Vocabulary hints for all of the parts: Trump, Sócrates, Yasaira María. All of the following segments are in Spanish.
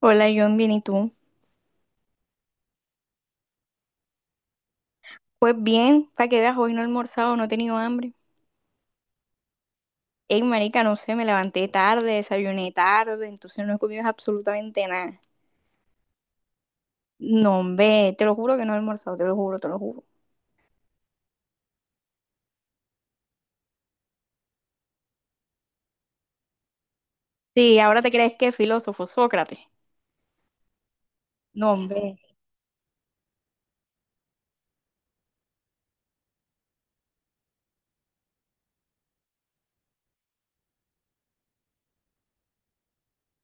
Hola, John, bien, ¿y tú? Pues bien, para que veas, hoy no he almorzado, no he tenido hambre. Ey, marica, no sé, me levanté tarde, desayuné tarde, entonces no he comido absolutamente nada. No, hombre, te lo juro que no he almorzado, te lo juro, te lo juro. Sí, ahora te crees que es filósofo, Sócrates. No, hombre.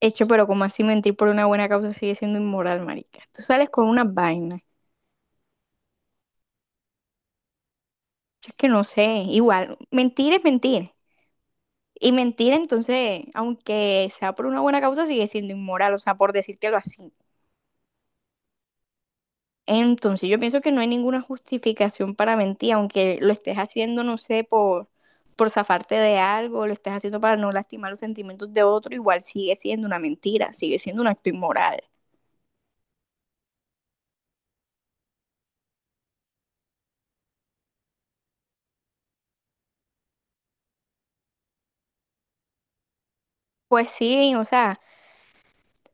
Hecho, pero como así mentir por una buena causa sigue siendo inmoral, marica. Tú sales con unas vainas. Yo es que no sé, igual, mentir es mentir. Y mentir, entonces, aunque sea por una buena causa, sigue siendo inmoral, o sea, por decírtelo así. Entonces, yo pienso que no hay ninguna justificación para mentir, aunque lo estés haciendo, no sé, por zafarte de algo, lo estés haciendo para no lastimar los sentimientos de otro, igual sigue siendo una mentira, sigue siendo un acto inmoral. Pues sí, o sea,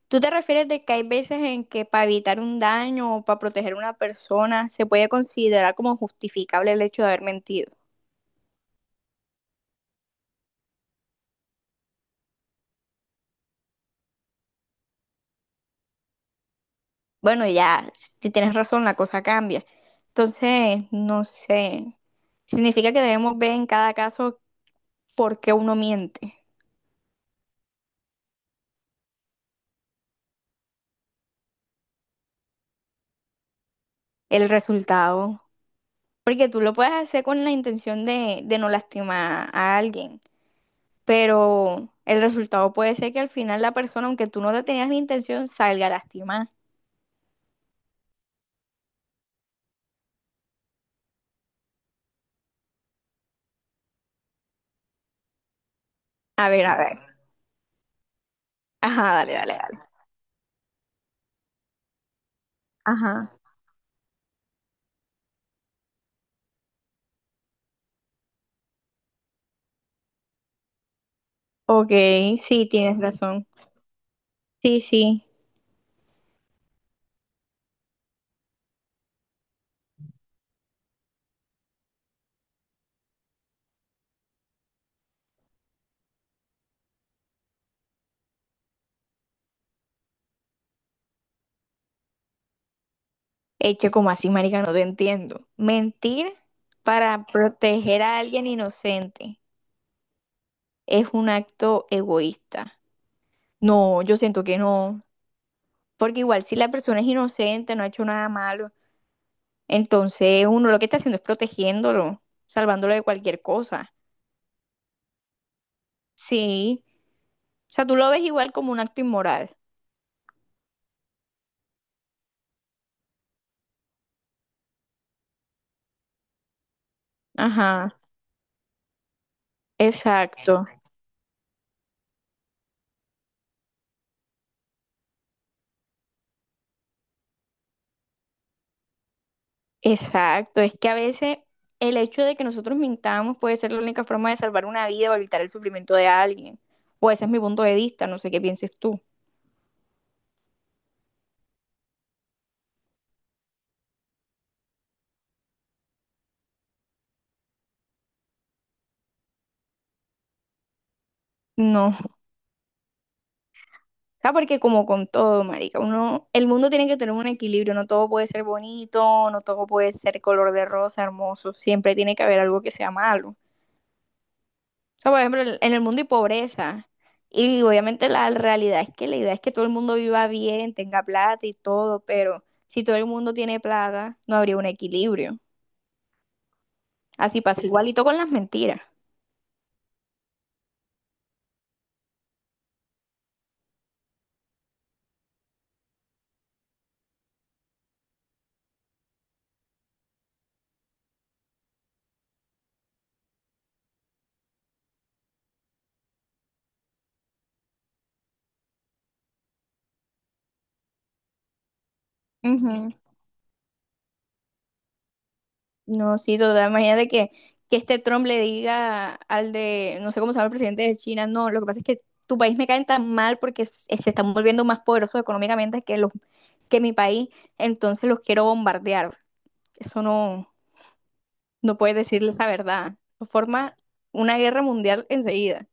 tú te refieres de que hay veces en que para evitar un daño o para proteger a una persona se puede considerar como justificable el hecho de haber mentido. Bueno, ya, si tienes razón, la cosa cambia. Entonces, no sé. Significa que debemos ver en cada caso porque uno miente el resultado. Porque tú lo puedes hacer con la intención de no lastimar a alguien, pero el resultado puede ser que al final la persona, aunque tú no le tenías la intención, salga lastimada. A ver, a ver. Ajá, dale, dale, dale. Ajá. Ok, sí, tienes razón. Sí, sí. Hecho como así, marica, no te entiendo. Mentir para proteger a alguien inocente es un acto egoísta. No, yo siento que no. Porque igual si la persona es inocente, no ha hecho nada malo, entonces uno lo que está haciendo es protegiéndolo, salvándolo de cualquier cosa. Sí. O sea, tú lo ves igual como un acto inmoral. Ajá. Exacto. Exacto. Es que a veces el hecho de que nosotros mintamos puede ser la única forma de salvar una vida o evitar el sufrimiento de alguien. O ese es mi punto de vista, no sé qué pienses tú. No. Sea, porque como con todo, marica, uno, el mundo tiene que tener un equilibrio, no todo puede ser bonito, no todo puede ser color de rosa, hermoso, siempre tiene que haber algo que sea malo. O sea, por ejemplo, en el mundo hay pobreza. Y obviamente la realidad es que la idea es que todo el mundo viva bien, tenga plata y todo, pero si todo el mundo tiene plata, no habría un equilibrio. Así pasa igualito con las mentiras. No, sí, total. Imagínate que este Trump le diga al de, no sé cómo se llama el presidente de China, no, lo que pasa es que tu país me cae tan mal porque se están volviendo más poderosos económicamente que que mi país, entonces los quiero bombardear. Eso no, no puedes decirles la verdad. Forma una guerra mundial enseguida.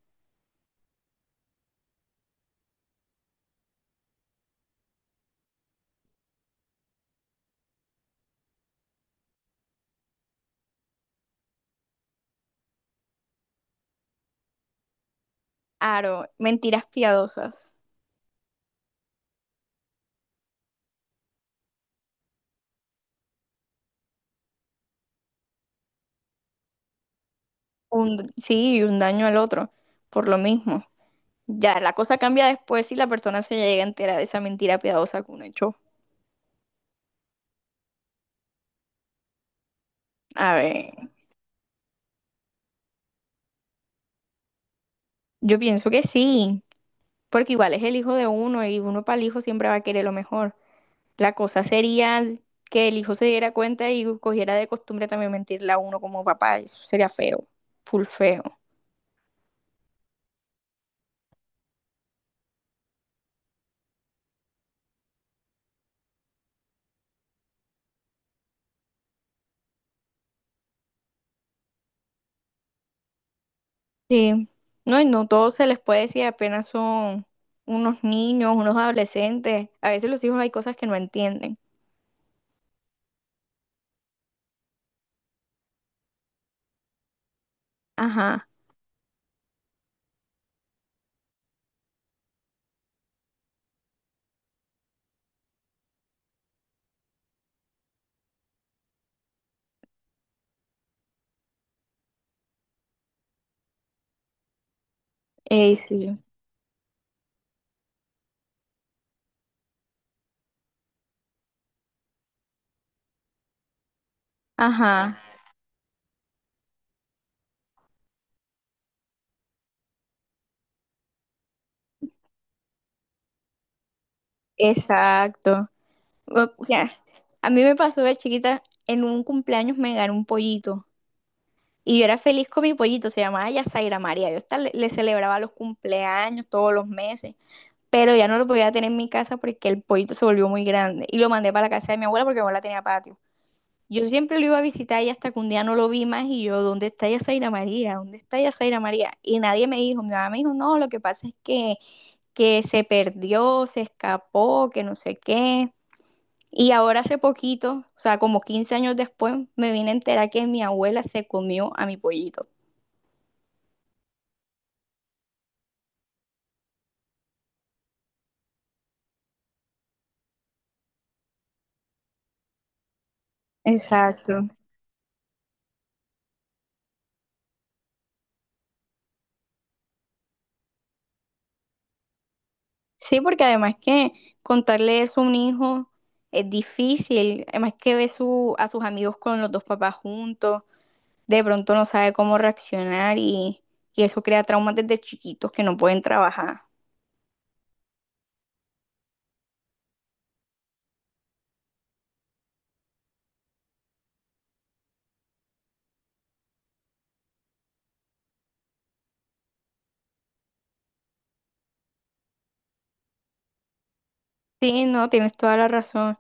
Aro, mentiras piadosas. Sí, y un daño al otro, por lo mismo. Ya, la cosa cambia después si la persona se llega a enterar de esa mentira piadosa que uno echó. A ver. Yo pienso que sí, porque igual es el hijo de uno y uno para el hijo siempre va a querer lo mejor. La cosa sería que el hijo se diera cuenta y cogiera de costumbre también mentirle a uno como papá. Eso sería feo, full feo. Sí, no, y no todo se les puede decir, apenas son unos niños, unos adolescentes. A veces los hijos hay cosas que no entienden. Ajá, sí, ajá, exacto. O sea, a mí me pasó de chiquita, en un cumpleaños me gané un pollito. Y yo era feliz con mi pollito, se llamaba Yasaira María. Yo hasta le celebraba los cumpleaños todos los meses, pero ya no lo podía tener en mi casa porque el pollito se volvió muy grande. Y lo mandé para la casa de mi abuela porque mi abuela tenía patio. Yo siempre lo iba a visitar y hasta que un día no lo vi más y yo, ¿dónde está Yasaira María? ¿Dónde está Yasaira María? Y nadie me dijo, mi mamá me dijo, no, lo que pasa es que se perdió, se escapó, que no sé qué. Y ahora hace poquito, o sea, como 15 años después, me vine a enterar que mi abuela se comió a mi pollito. Exacto. Sí, porque además que contarle eso a un hijo es difícil, además que ve a sus amigos con los dos papás juntos, de pronto no sabe cómo reaccionar y eso crea traumas desde chiquitos que no pueden trabajar. Sí, no, tienes toda la razón.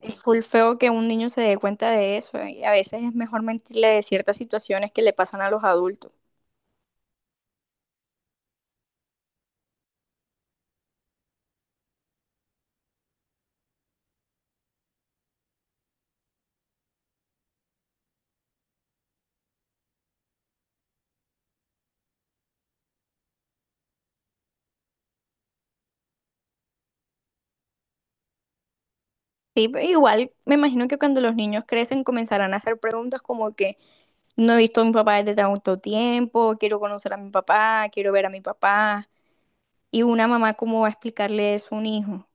Es full feo que un niño se dé cuenta de eso y a veces es mejor mentirle de ciertas situaciones que le pasan a los adultos. Sí, pero igual me imagino que cuando los niños crecen comenzarán a hacer preguntas como que no he visto a mi papá desde tanto tiempo, quiero conocer a mi papá, quiero ver a mi papá. Y una mamá, ¿cómo va a explicarle eso a un hijo?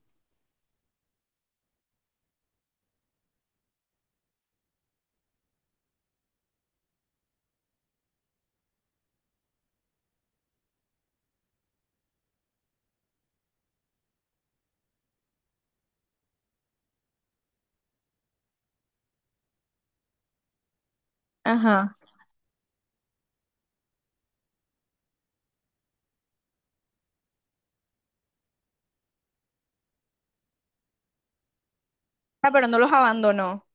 Ajá. Ah, pero no los abandonó.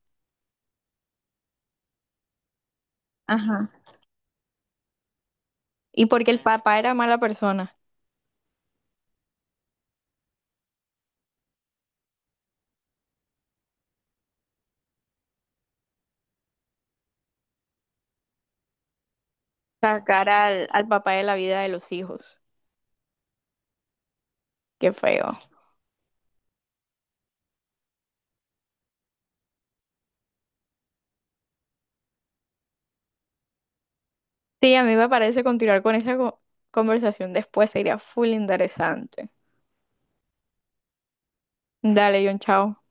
Ajá. Y porque el papá era mala persona. Sacar al papá de la vida de los hijos. Qué feo. Sí, a mí me parece continuar con esa conversación después sería full interesante. Dale, John, chao.